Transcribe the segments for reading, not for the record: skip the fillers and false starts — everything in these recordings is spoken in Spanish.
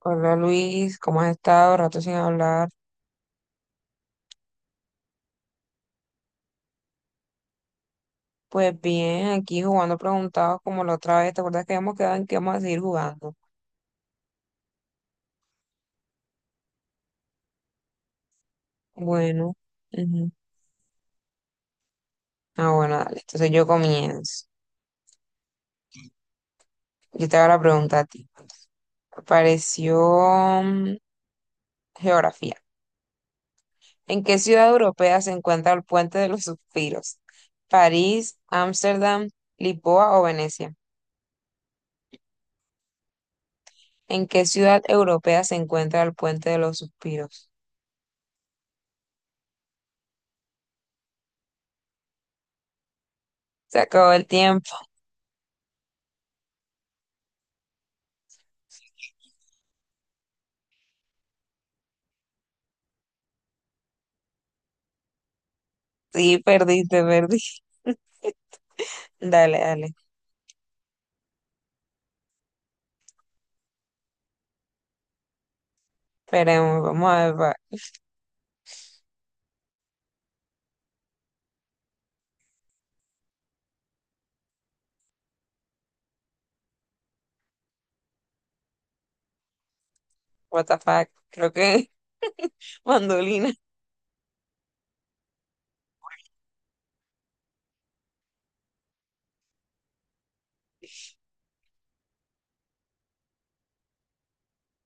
Hola Luis, ¿cómo has estado? Rato sin hablar. Pues bien, aquí jugando preguntados como la otra vez. ¿Te acuerdas que habíamos quedado en que vamos a seguir jugando? Bueno, ujú. Ah, bueno, dale. Entonces yo comienzo. Yo te hago la pregunta a ti. Apareció geografía. ¿En qué ciudad europea se encuentra el Puente de los Suspiros? ¿París, Ámsterdam, Lisboa o Venecia? ¿En qué ciudad europea se encuentra el Puente de los Suspiros? Se acabó el tiempo. Sí, perdiste, perdí. Dale, dale. Esperemos, vamos a ver. What the fuck. Creo que mandolina.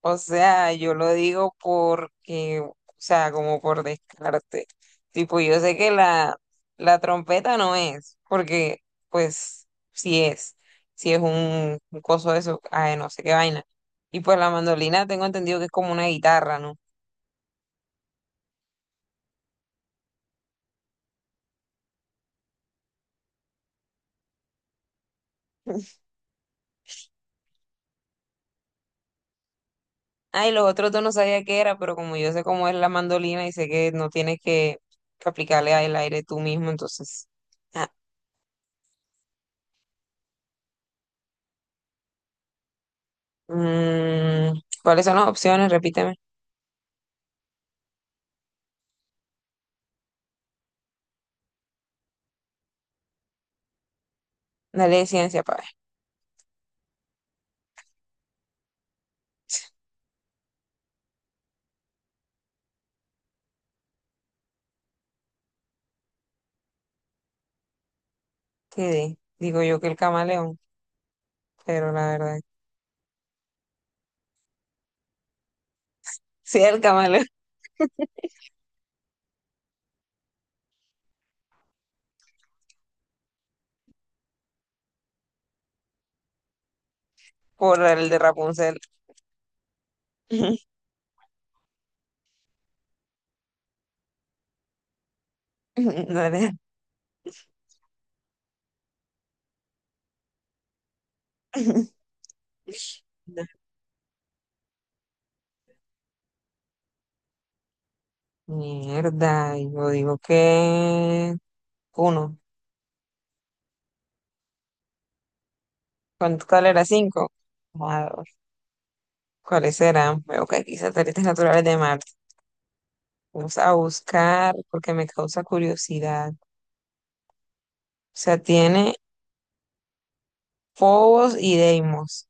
O sea, yo lo digo porque, o sea, como por descarte. Tipo, yo sé que la trompeta no es, porque, pues, sí es. Si es un coso de eso, ay, no sé qué vaina. Y pues la mandolina tengo entendido que es como una guitarra, ¿no? Ay, los otros dos no sabía qué era, pero como yo sé cómo es la mandolina y sé que no tienes que aplicarle al aire tú mismo, entonces. ah, ¿Cuáles son las opciones? Repíteme. La ley de ciencia, pa' ver. ¿Qué di? Digo yo que el camaleón, pero la verdad. Sí, el camaleón. Por el de Rapunzel. Dale. Mierda, yo digo que uno. ¿Cuál era? Cinco. Ah, ¿cuáles serán? Veo que aquí satélites naturales de Marte. Vamos a buscar porque me causa curiosidad. O sea, tiene Fobos y Deimos.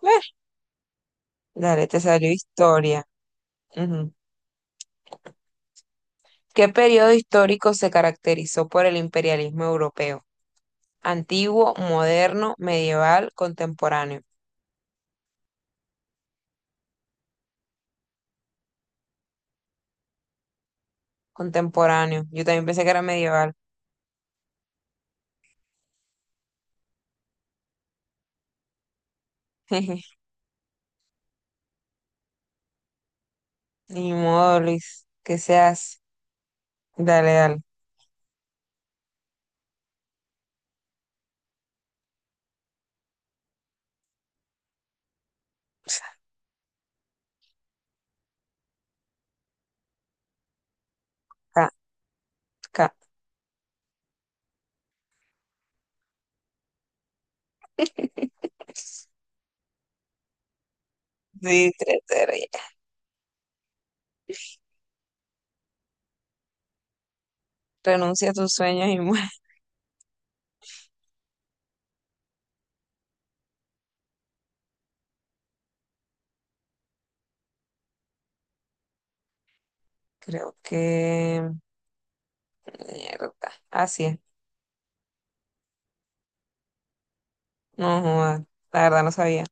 Bueno, dale, te salió historia. Ujú. ¿Qué periodo histórico se caracterizó por el imperialismo europeo? Antiguo, moderno, medieval, contemporáneo. Contemporáneo. Yo también pensé que era medieval. Ni modo, Luis. ¿Qué se hace? Dale, dale. Ca- ca- Sí, 3-0, ya. Renuncia a tus sueños y muere. Creo que. Mierda. Así es. No, joda, la verdad no sabía.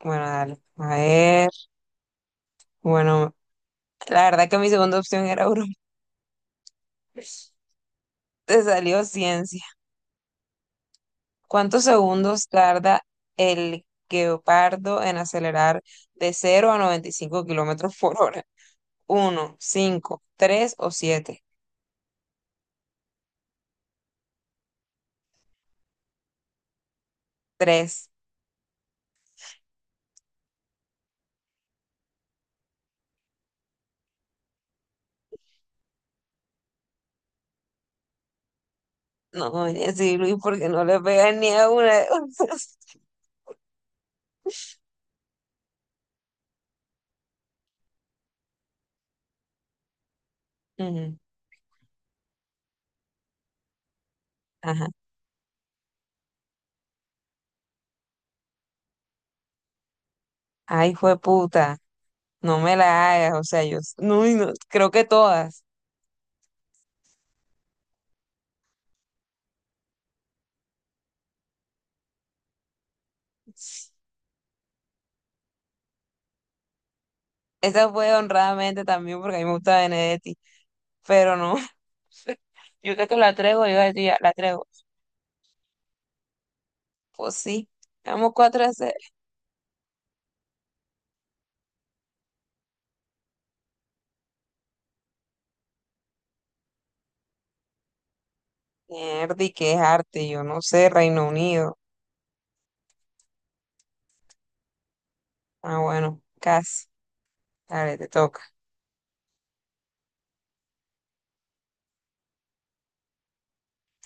Bueno, dale. A ver. Bueno, la verdad que mi segunda opción era Europa. Te salió ciencia. ¿Cuántos segundos tarda el guepardo en acelerar de 0 a 95 km/h? ¿Uno, cinco, tres o siete? Tres. No, oye, sí, Luis, porque no le pegan ni a una de esas. Ujú, ajá. Ay, fue puta. No me la hagas. O sea, no, y no, creo que todas. Esa fue honradamente también porque a mí me gusta Benedetti, pero no, yo creo que la traigo, yo decía, la traigo. Pues sí, vamos cuatro a 0. Mierda, y qué es arte, yo no sé, Reino Unido. Ah, bueno, casi. Dale, te toca.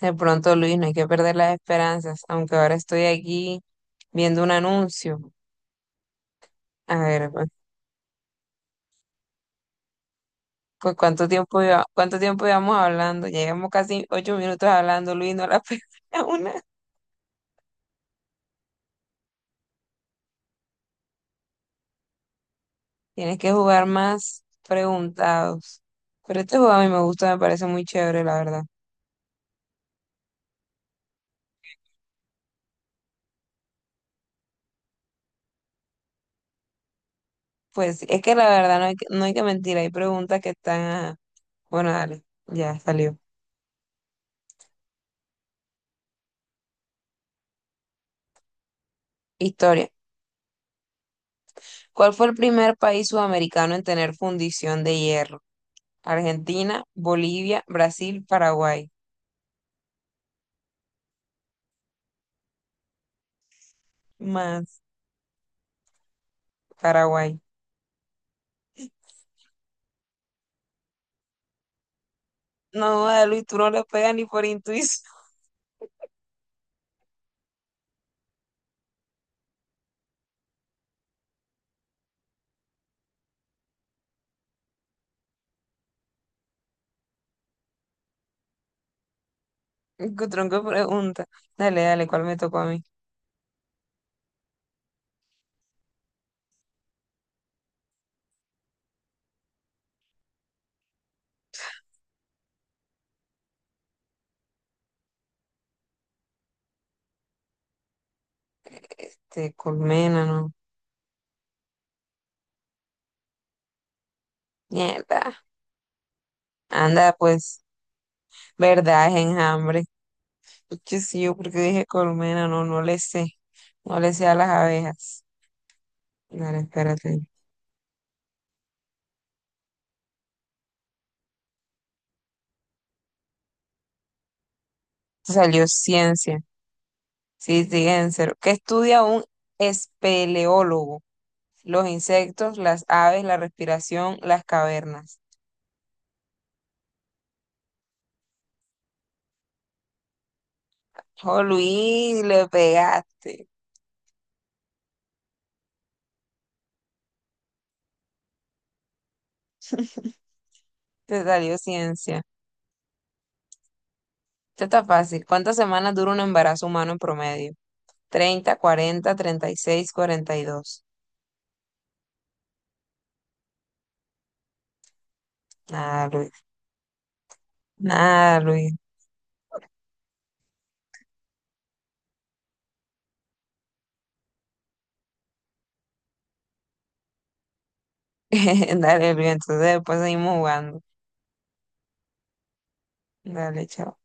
De pronto, Luis, no hay que perder las esperanzas, aunque ahora estoy aquí viendo un anuncio. A ver, pues, ¿cuánto tiempo llevamos hablando? Ya llevamos casi 8 minutos hablando, Luis, no la pega una. Tienes que jugar más preguntados. Pero este juego a mí me gusta, me parece muy chévere, la verdad. Pues es que la verdad no hay que mentir, hay preguntas que están. Bueno, dale, ya salió. Historia. ¿Cuál fue el primer país sudamericano en tener fundición de hierro? Argentina, Bolivia, Brasil, Paraguay. Más Paraguay. No, joda, Luis, tú no le pegas ni por intuición. Qué tronco de pregunta. Dale, dale, ¿cuál me tocó a mí? Te colmena, ¿no? Mierda. Anda, pues. ¿Verdad? Es enjambre. Porque sí, yo porque dije colmena, no, no le sé. No le sé a las abejas. Dale, espérate. Salió ciencia. Sí, sí, en cero. ¿Qué estudia un espeleólogo? Los insectos, las aves, la respiración, las cavernas. Oh, Luis, le pegaste. Te salió ciencia. Esto está fácil. ¿Cuántas semanas dura un embarazo humano en promedio? Treinta, 40, 36, 42. Nada, Luis. Nada, Luis. Dale, Elvia, entonces después seguimos jugando. Dale, chao.